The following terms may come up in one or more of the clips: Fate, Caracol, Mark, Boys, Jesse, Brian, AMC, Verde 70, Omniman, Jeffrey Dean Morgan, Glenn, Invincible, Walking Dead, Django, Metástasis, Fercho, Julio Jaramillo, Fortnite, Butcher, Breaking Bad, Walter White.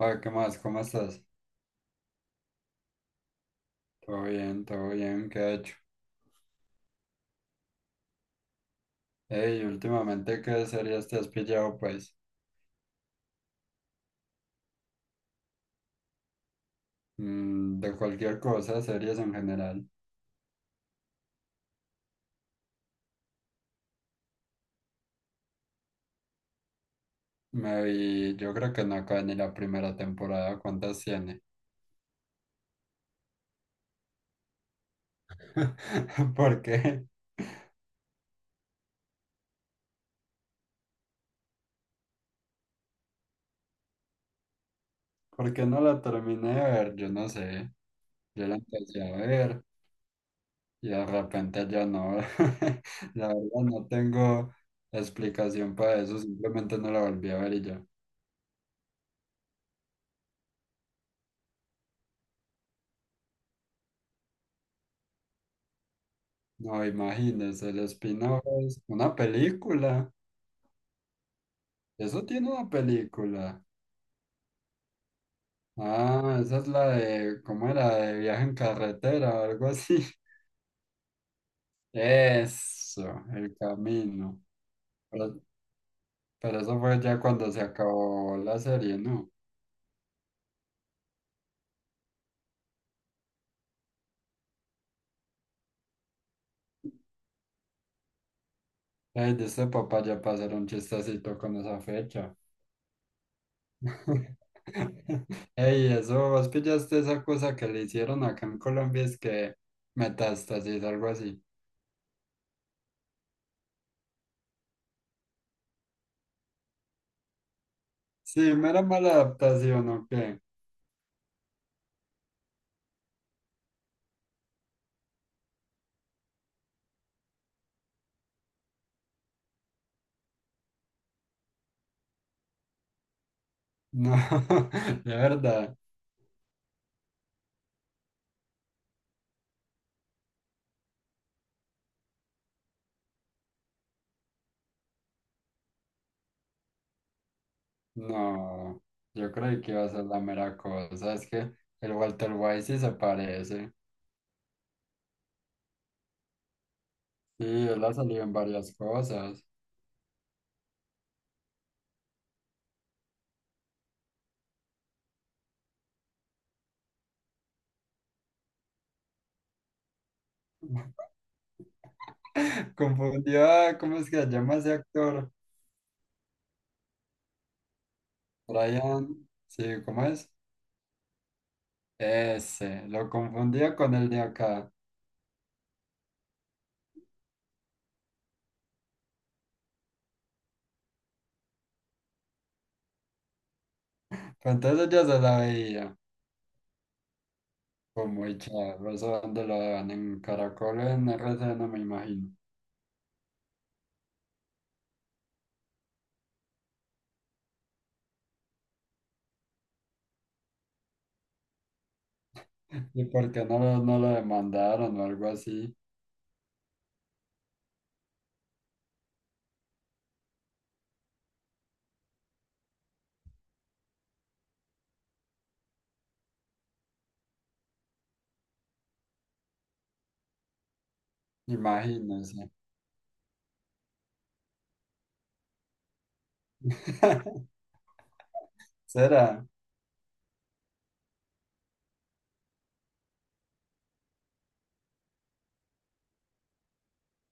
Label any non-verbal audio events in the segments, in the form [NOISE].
Ah, ¿qué más? ¿Cómo estás? Todo bien, ¿qué ha hecho? Ey, últimamente, ¿qué series te has pillado, pues? De cualquier cosa, series en general. Me vi, yo creo que no acabé ni la primera temporada, ¿cuántas tiene? [LAUGHS] ¿Por qué? ¿Por qué no la terminé de ver? Yo no sé. Yo la empecé a ver y de repente ya no. [LAUGHS] La verdad, no tengo explicación para eso, simplemente no la volví a ver y ya. No, imagínese, el spin-off es una película. Eso tiene una película. Ah, esa es la de, ¿cómo era? De viaje en carretera o algo así. [LAUGHS] Eso, el camino. Pero, pero eso fue ya cuando se acabó la serie, ¿no? Ay, dice papá ya para hacer un chistecito con esa fecha. [LAUGHS] Ey, eso, vos pillaste esa cosa que le hicieron acá en Colombia, es que metástasis, algo así. Sí, mera mala adaptación, ¿o qué? No, [LAUGHS] de verdad, no. Yo creí que iba a ser la mera cosa. Es que el Walter White sí se parece. Sí, él ha salido en varias cosas. [LAUGHS] Confundió a, ¿cómo es que se llama ese actor? Brian, sí, ¿cómo es? Ese, lo confundía con el de acá. Pero entonces yo se la veía. Fue muy charro, eso donde lo dan en Caracol, en R C no me imagino. [LAUGHS] ¿Y por qué no, no lo demandaron o algo así? Imagínense. [LAUGHS] Será.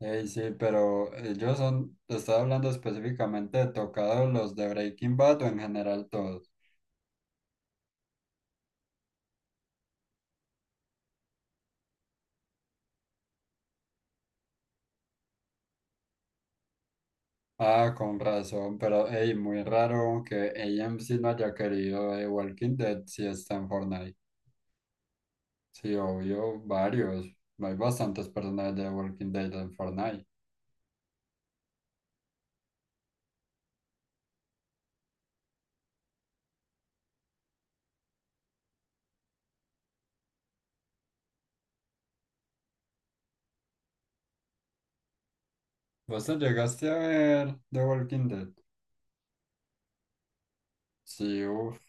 Ey, sí, pero ellos son, estaba hablando específicamente de tocados los de Breaking Bad o en general todos. Ah, con razón, pero ey, muy raro que AMC no haya querido Walking Dead si está en Fortnite. Sí, obvio, varios. Hay bastantes personajes de Walking Dead en Fortnite. ¿Vos te llegaste a ver The Walking Dead? Sí, uff,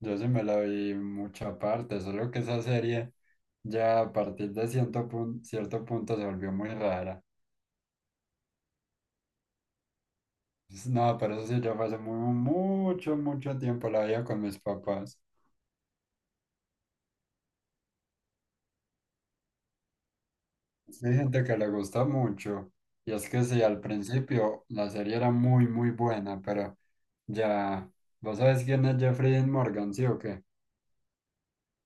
yo sí me la vi mucha parte, solo que esa serie ya a partir de cierto punto se volvió muy rara. No, pero eso sí, ya fue hace mucho, mucho tiempo la veía con mis papás. Sí, hay gente que le gusta mucho. Y es que sí, al principio la serie era muy, muy buena, pero ya, ¿vos sabés quién es Jeffrey Dean Morgan, sí o qué?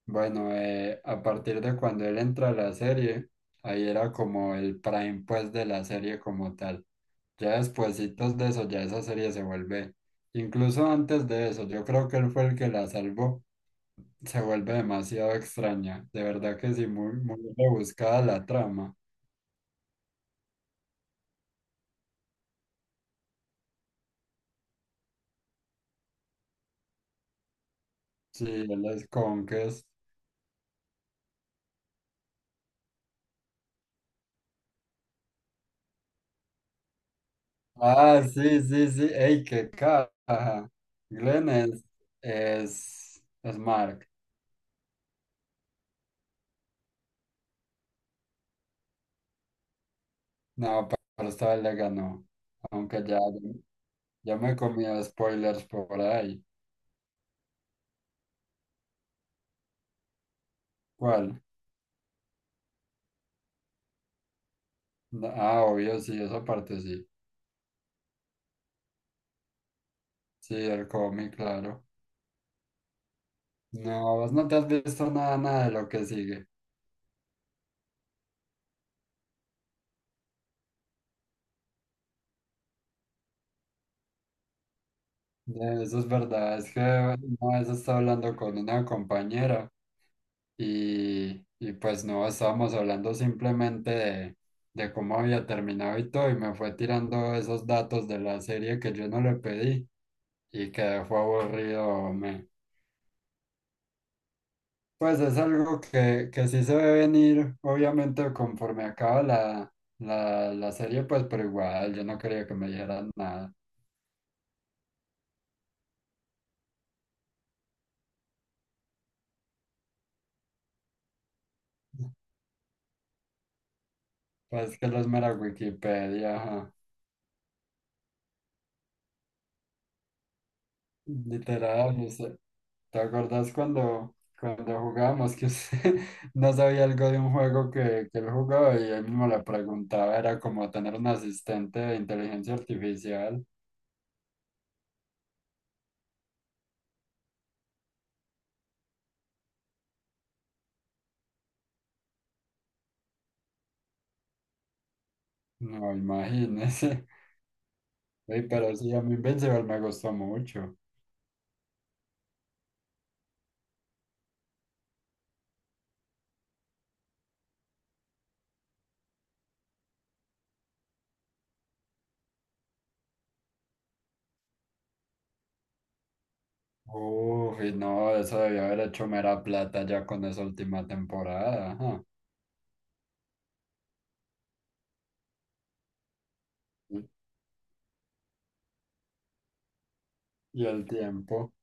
Bueno, a partir de cuando él entra a la serie, ahí era como el prime pues de la serie como tal. Ya despuesitos de eso, ya esa serie se vuelve. Incluso antes de eso, yo creo que él fue el que la salvó, se vuelve demasiado extraña. De verdad que sí, muy, muy rebuscada la trama. Sí, él es Conques. Ah, sí, sí, sí. ¡Ey, qué caja! Glenn es, es Mark. No, pero esta vez le ganó. Aunque ya, ya me he comido spoilers por ahí. ¿Cuál? No, ah, obvio, sí, esa parte sí. Sí, el cómic, claro. No, vos no te has visto nada, nada de lo que sigue. Ya, eso es verdad, es que una vez estaba hablando con una compañera y pues no, estábamos hablando simplemente de cómo había terminado y todo y me fue tirando esos datos de la serie que yo no le pedí y que fue aburrido. Me... Pues es algo que sí se ve venir, obviamente conforme acaba la serie, pues pero igual yo no quería que me dijeran nada. Pues que los mera Wikipedia, ajá. Literal, no sé. ¿Te acordás cuando, cuando jugábamos que usted [LAUGHS] no sabía algo de un juego que él jugaba y él mismo le preguntaba? Era como tener un asistente de inteligencia artificial. No, imagínese. [LAUGHS] Uy, pero sí, a mí Invincible me gustó mucho. Uy, no, eso debió haber hecho mera plata ya con esa última temporada. Ajá. Y y el tiempo.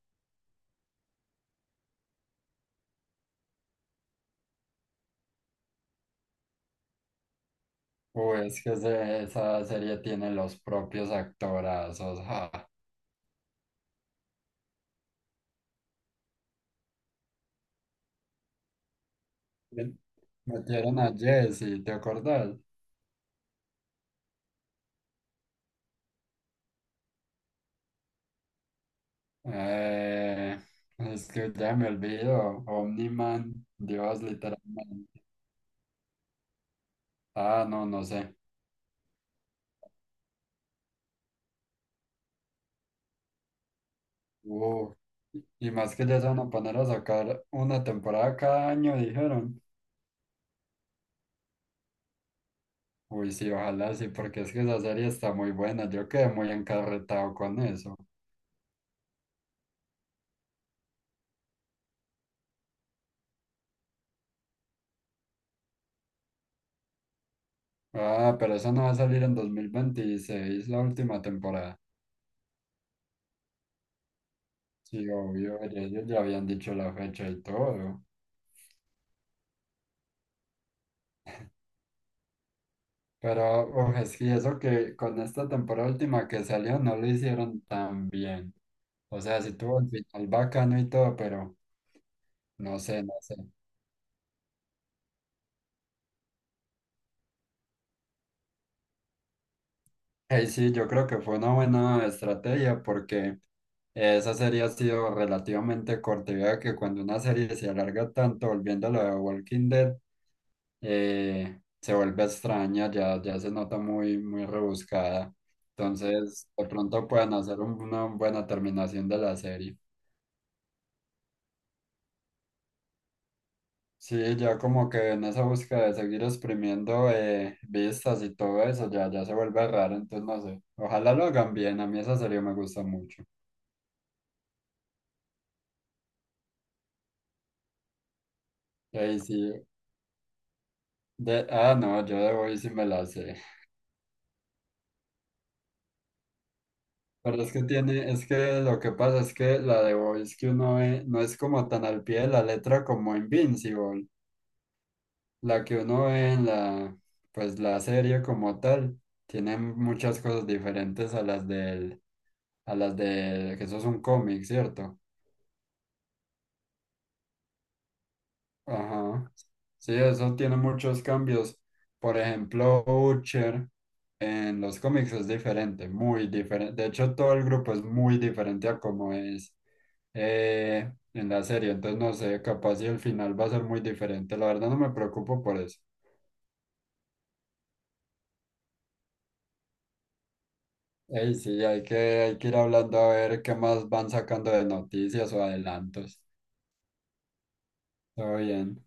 Uy, es que esa serie tiene los propios actorazos. Ja. Metieron a Jesse, ¿te acordás? Eh, es que ya me olvido. Omniman, Dios, literalmente. Ah, no, no sé. Uh, y más que ya se van a poner a sacar una temporada cada año, dijeron. Uy, sí, ojalá sí, porque es que esa serie está muy buena. Yo quedé muy encarretado con eso. Ah, pero eso no va a salir en 2026 la última temporada. Sí, obvio, ellos ya habían dicho la fecha y todo. Pero uf, es que eso que con esta temporada última que salió no lo hicieron tan bien. O sea, sí tuvo el final bacano y todo, pero no sé, no sé. Hey, sí, yo creo que fue una buena estrategia porque esa serie ha sido relativamente corta. Y vea que cuando una serie se alarga tanto, volviendo a lo de Walking Dead, se vuelve extraña, ya, ya se nota muy, muy rebuscada. Entonces, de pronto pueden hacer una buena terminación de la serie. Sí, ya como que en esa búsqueda de seguir exprimiendo vistas y todo eso, ya, ya se vuelve raro, entonces no sé. Ojalá lo hagan bien, a mí esa serie me gusta mucho. Y ahí sí, de, ah, no, yo de Boys sí me la sé. Pero es que tiene, es que lo que pasa es que la de Boys que uno ve no es como tan al pie de la letra como Invincible. La que uno ve en la, pues la serie como tal, tiene muchas cosas diferentes a las del, a las de, que eso es un cómic, ¿cierto? Ajá. Sí, eso tiene muchos cambios. Por ejemplo, Butcher en los cómics es diferente, muy diferente. De hecho, todo el grupo es muy diferente a como es en la serie. Entonces, no sé, capaz si el final va a ser muy diferente. La verdad, no me preocupo por eso. Ey, sí, hay que ir hablando a ver qué más van sacando de noticias o adelantos. Todo bien.